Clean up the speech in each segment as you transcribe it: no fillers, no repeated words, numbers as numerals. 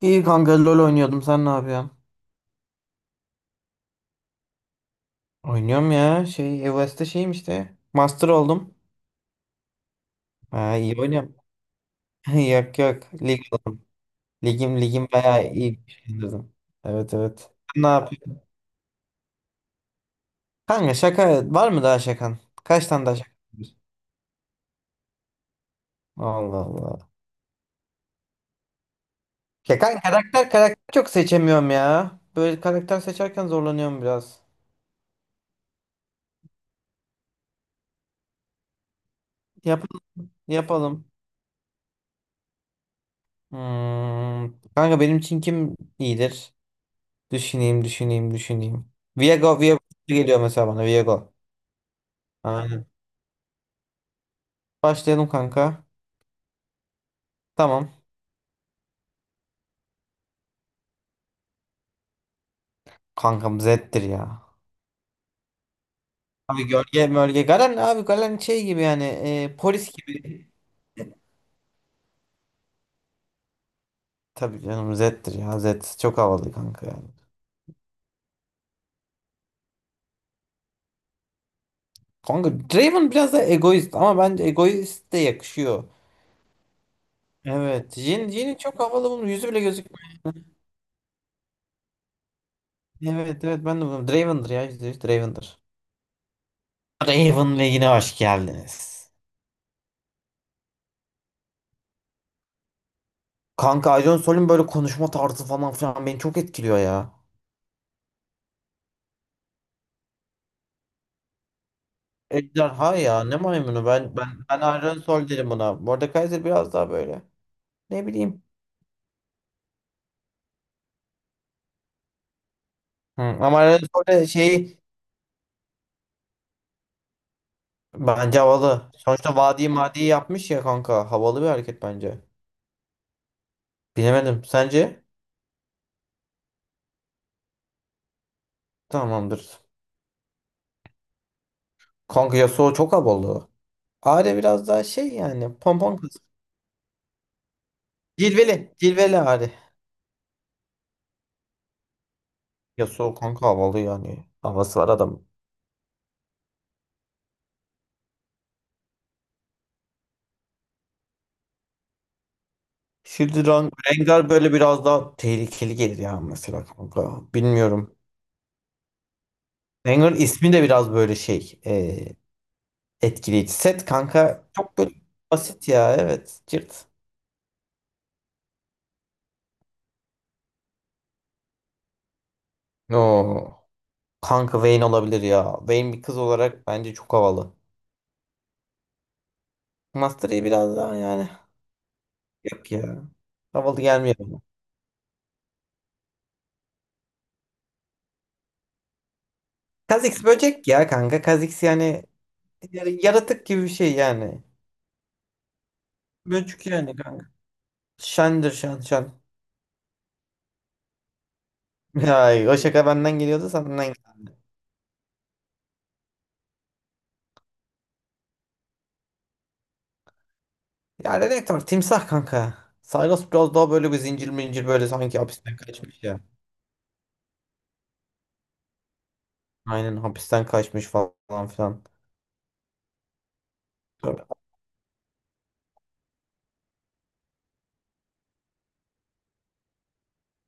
İyi kanka LoL oynuyordum. Sen ne yapıyorsun? Oynuyorum ya. Şey evestte şeyim işte. Master oldum. Ha, iyi oynuyorum. Yok yok. Lig oldum. Ligim ligim bayağı iyi güçlendirdim. Evet evet. Sen Ne yapıyorsun? Kanka şaka var mı daha şakan? Kaç tane daha şakan var? Allah Allah. Ya kanka karakter karakter çok seçemiyorum ya. Böyle karakter seçerken zorlanıyorum biraz. Yap yapalım. Hmm. Kanka benim için kim iyidir? Düşüneyim, düşüneyim, düşüneyim. Viego, Viego geliyor mesela bana. Viego. Aynen. Başlayalım kanka. Tamam. Kankam Zed'dir ya. Abi gölge mölge. Galen abi Galen şey gibi yani. Polis gibi. Tabii canım Zed'dir ya. Zed çok havalı kanka yani. Kanka Draven biraz da egoist ama bence egoist de yakışıyor. Evet. Jhin'i çok havalı, bunun yüzü bile gözükmüyor. Evet evet ben de bunu. Draven'dır ya, yüzde yüz Draven'dır. Draven'le yine hoş geldiniz. Kanka Aydın Sol'ün böyle konuşma tarzı falan filan beni çok etkiliyor ya. Ejderha ya, ne maymunu, ben Aydın Sol derim buna. Mordekaiser biraz daha böyle, ne bileyim. Hı, ama Aydın Sol de şey, bence havalı. Sonuçta vadi madi yapmış ya kanka, havalı bir hareket bence. Bilemedim, sence? Tamamdır. Kanka Yasuo çok havalı. Ahri biraz daha şey yani, pompon kız. Cilveli cilveli Ahri. Yasuo kanka havalı yani. Havası var adam. Şimdi Rengar böyle biraz daha tehlikeli gelir ya mesela kanka. Bilmiyorum. Rengar ismi de biraz böyle şey, etkileyici. Set kanka çok böyle basit ya, evet. Cırt. Oo. Kanka Vayne olabilir ya. Vayne bir kız olarak bence çok havalı. Master Yi biraz daha yani. Yok ya. Havalı gelmiyor bana. Kha'Zix böcek ya kanka. Kha'Zix yani yaratık gibi bir şey yani. Böcek yani kanka. Şendir, şen şen. Ay, o şaka benden geliyordu, senden geldi. Ya ne demek var? Timsah kanka. Saygos biraz daha böyle bir zincir mincir, böyle sanki hapisten kaçmış ya. Aynen, hapisten kaçmış falan filan.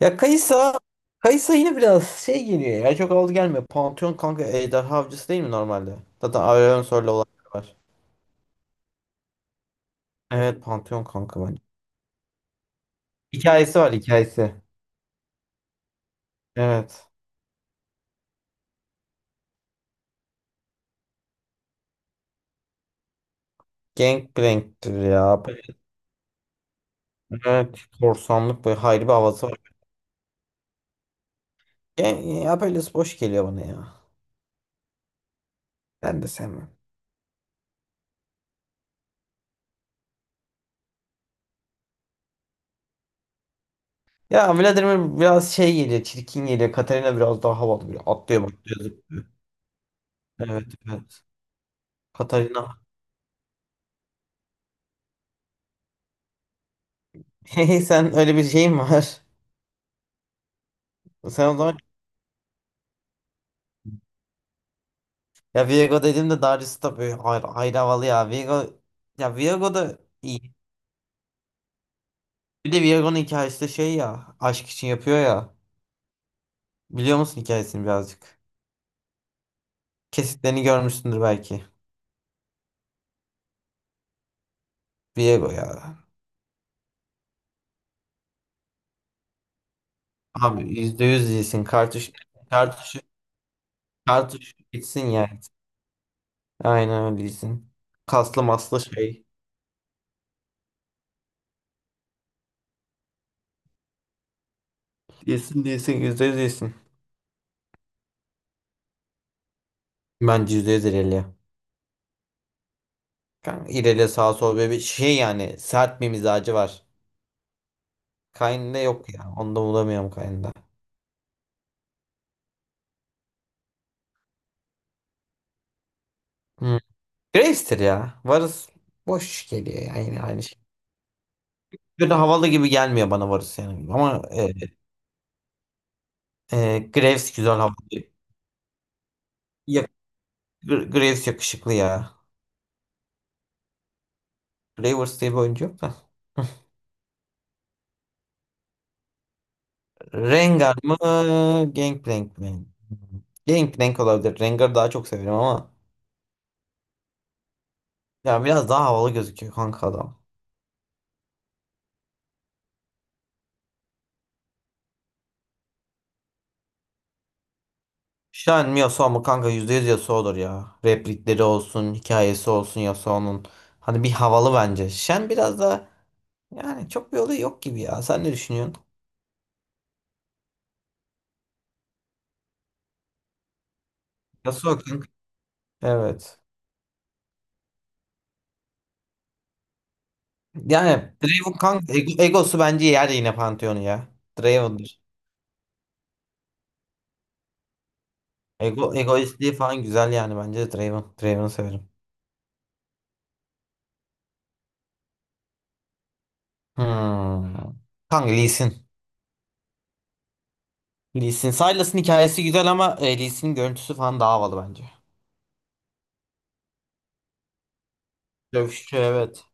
Ya Kaysa yine biraz şey geliyor ya, çok aldı gelmiyor. Pantheon kanka ejderha avcısı değil mi normalde? Zaten Aurelion olan var. Evet, Pantheon kanka bence. Hikayesi var, hikayesi. Evet. Gangplank'tir ya. Evet, korsanlık böyle hayri bir havası var. Gen ya, böyle boş geliyor bana ya. Ben de sevmem. Ya Vladimir biraz şey geliyor, çirkin geliyor. Katarina biraz daha havalı, böyle atlıyor atlıyor zıplıyor. Evet evet. Katarina. Hey, sen öyle bir şeyin var. Sen o zaman, ya Viego dedim de Darius tabii böyle ayrı, ayrı havalı ya. Viego, ya Viego da iyi. Bir de Viego'nun hikayesi de şey ya, aşk için yapıyor ya. Biliyor musun hikayesini birazcık? Kesitlerini görmüşsündür belki. Viego ya. Abi %100 iyisin. Kartuş, kartuş, kartuş bitsin yani. Aynen öyle değilsin. Kaslı maslı şey. Değilsin, değilsin, yüzde yüz değilsin. Bence yüzde yüz İrelia. Kanka İrelia sağ sol, böyle bir şey yani, sert bir mizacı var. Kayn'da yok ya. Onu da bulamıyorum Kayn'da. Hmm. Graves'tir ya. Varus boş geliyor yani, yine aynı şey. Böyle havalı gibi gelmiyor bana Varus yani. Ama Graves güzel, havalı. Ya, Graves yakışıklı ya. Gravers diye bir oyuncu yok da. Rengar mı? Gangplank mi? Gangplank olabilir. Rengar'ı daha çok severim ama. Ya biraz daha havalı gözüküyor kanka adam. Shen mi Yasuo mu kanka, %100 Yasuo'dur ya. Replikleri olsun, hikayesi olsun Yasuo'nun. Hani bir havalı bence. Shen biraz da yani, çok bir olayı yok gibi ya. Sen ne düşünüyorsun? Yasuo kanka. Evet. Yani Draven kanka, egosu bence yer yine Pantheon'u ya. Draven'dır. Ego, egoistliği falan güzel, yani bence de Draven. Draven'ı severim. Hmm. Kanka Lee Sin. Lee Sin. Silas'ın hikayesi güzel ama Lee Sin'in görüntüsü falan daha havalı bence. Dövüşçü, evet.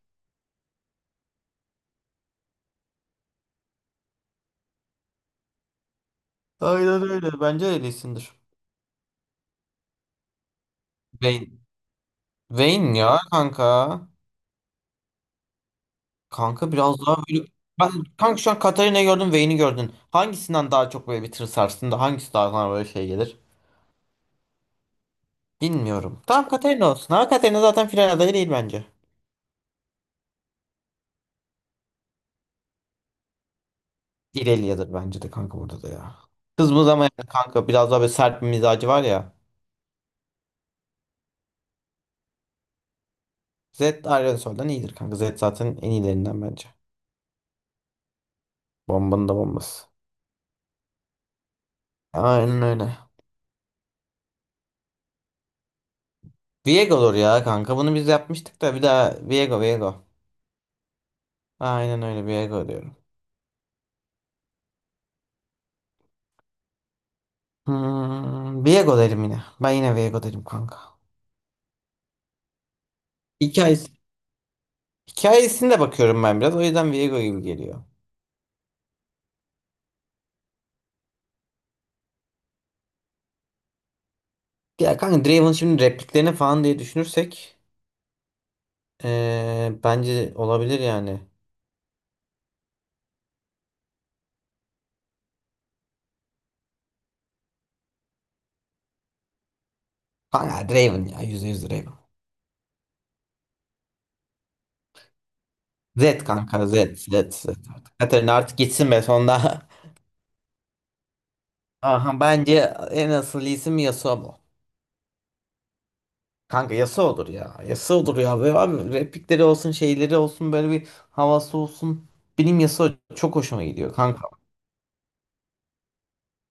Aynen öyle. Bence de Lee Sin'dir. Vayne. Vayne ya kanka. Kanka biraz daha böyle... Ben kanka, şu an Katarina'yı gördüm, Vayne'i gördün. Hangisinden daha çok böyle bir tır sarsın da hangisi daha sana böyle şey gelir? Bilmiyorum. Tamam, Katarina olsun ama Katarina zaten final adayı değil bence. İrelia'dır bence de kanka, burada da ya. Kızımız ama yani kanka, biraz daha böyle sert bir mizacı var ya. Zed Aerosol'dan iyidir kanka. Zed zaten en iyilerinden bence. Bombanın da bombası. Aynen öyle. Viego olur ya kanka. Bunu biz yapmıştık da, bir daha Viego Viego. Aynen öyle, Viego diyorum. Viego derim yine. Ben yine Viego derim kanka. Hikayesi. Hikayesine de bakıyorum ben biraz. O yüzden Viego gibi geliyor. Ya kanka Draven, şimdi repliklerini falan diye düşünürsek bence olabilir yani. Kanka Draven ya, %100 Draven. Zed kanka, Zed Zed Zed artık. Katarina artık gitsin be sonunda. Aha, bence en asıl isim Yasuo bu. Kanka Yasuo'dur ya. Yasuo'dur ya. Ve abi replikleri olsun, şeyleri olsun, böyle bir havası olsun. Benim Yasuo çok hoşuma gidiyor kanka.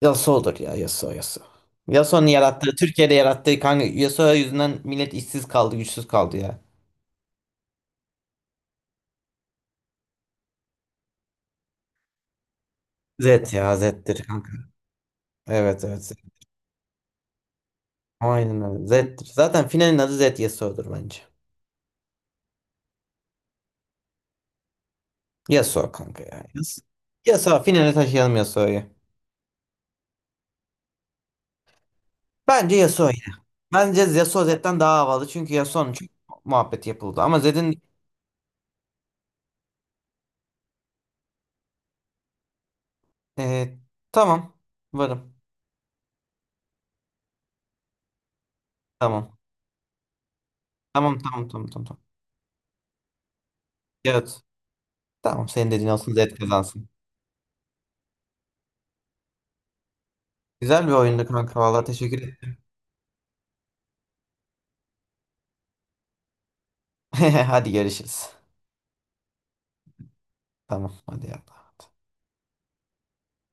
Yasuo'dur ya, Yasuo Yasuo. Yasuo'nun yarattığı, Türkiye'de yarattığı kanka, Yasuo yüzünden millet işsiz kaldı, güçsüz kaldı ya. Zed ya, Zed'dir kanka. Evet evet, Zed. Aynen öyle Zed'dir. Zaten finalin adı Zed Yasuo'dur bence. Yasuo kanka ya. Yasuo finale taşıyalım, Yasuo'yu. Bence Yasuo yine. Bence Yasuo Zed'den daha havalı. Çünkü Yasuo'nun çok muhabbet yapıldı. Ama Zed'in, e, tamam. Varım. Tamam. Tamam tamam tamam tamam tamam. Evet. Tamam, senin dediğin olsun, Zed kazansın. Güzel bir oyundu kanka. Valla teşekkür ederim. Hadi görüşürüz. Tamam, hadi ya.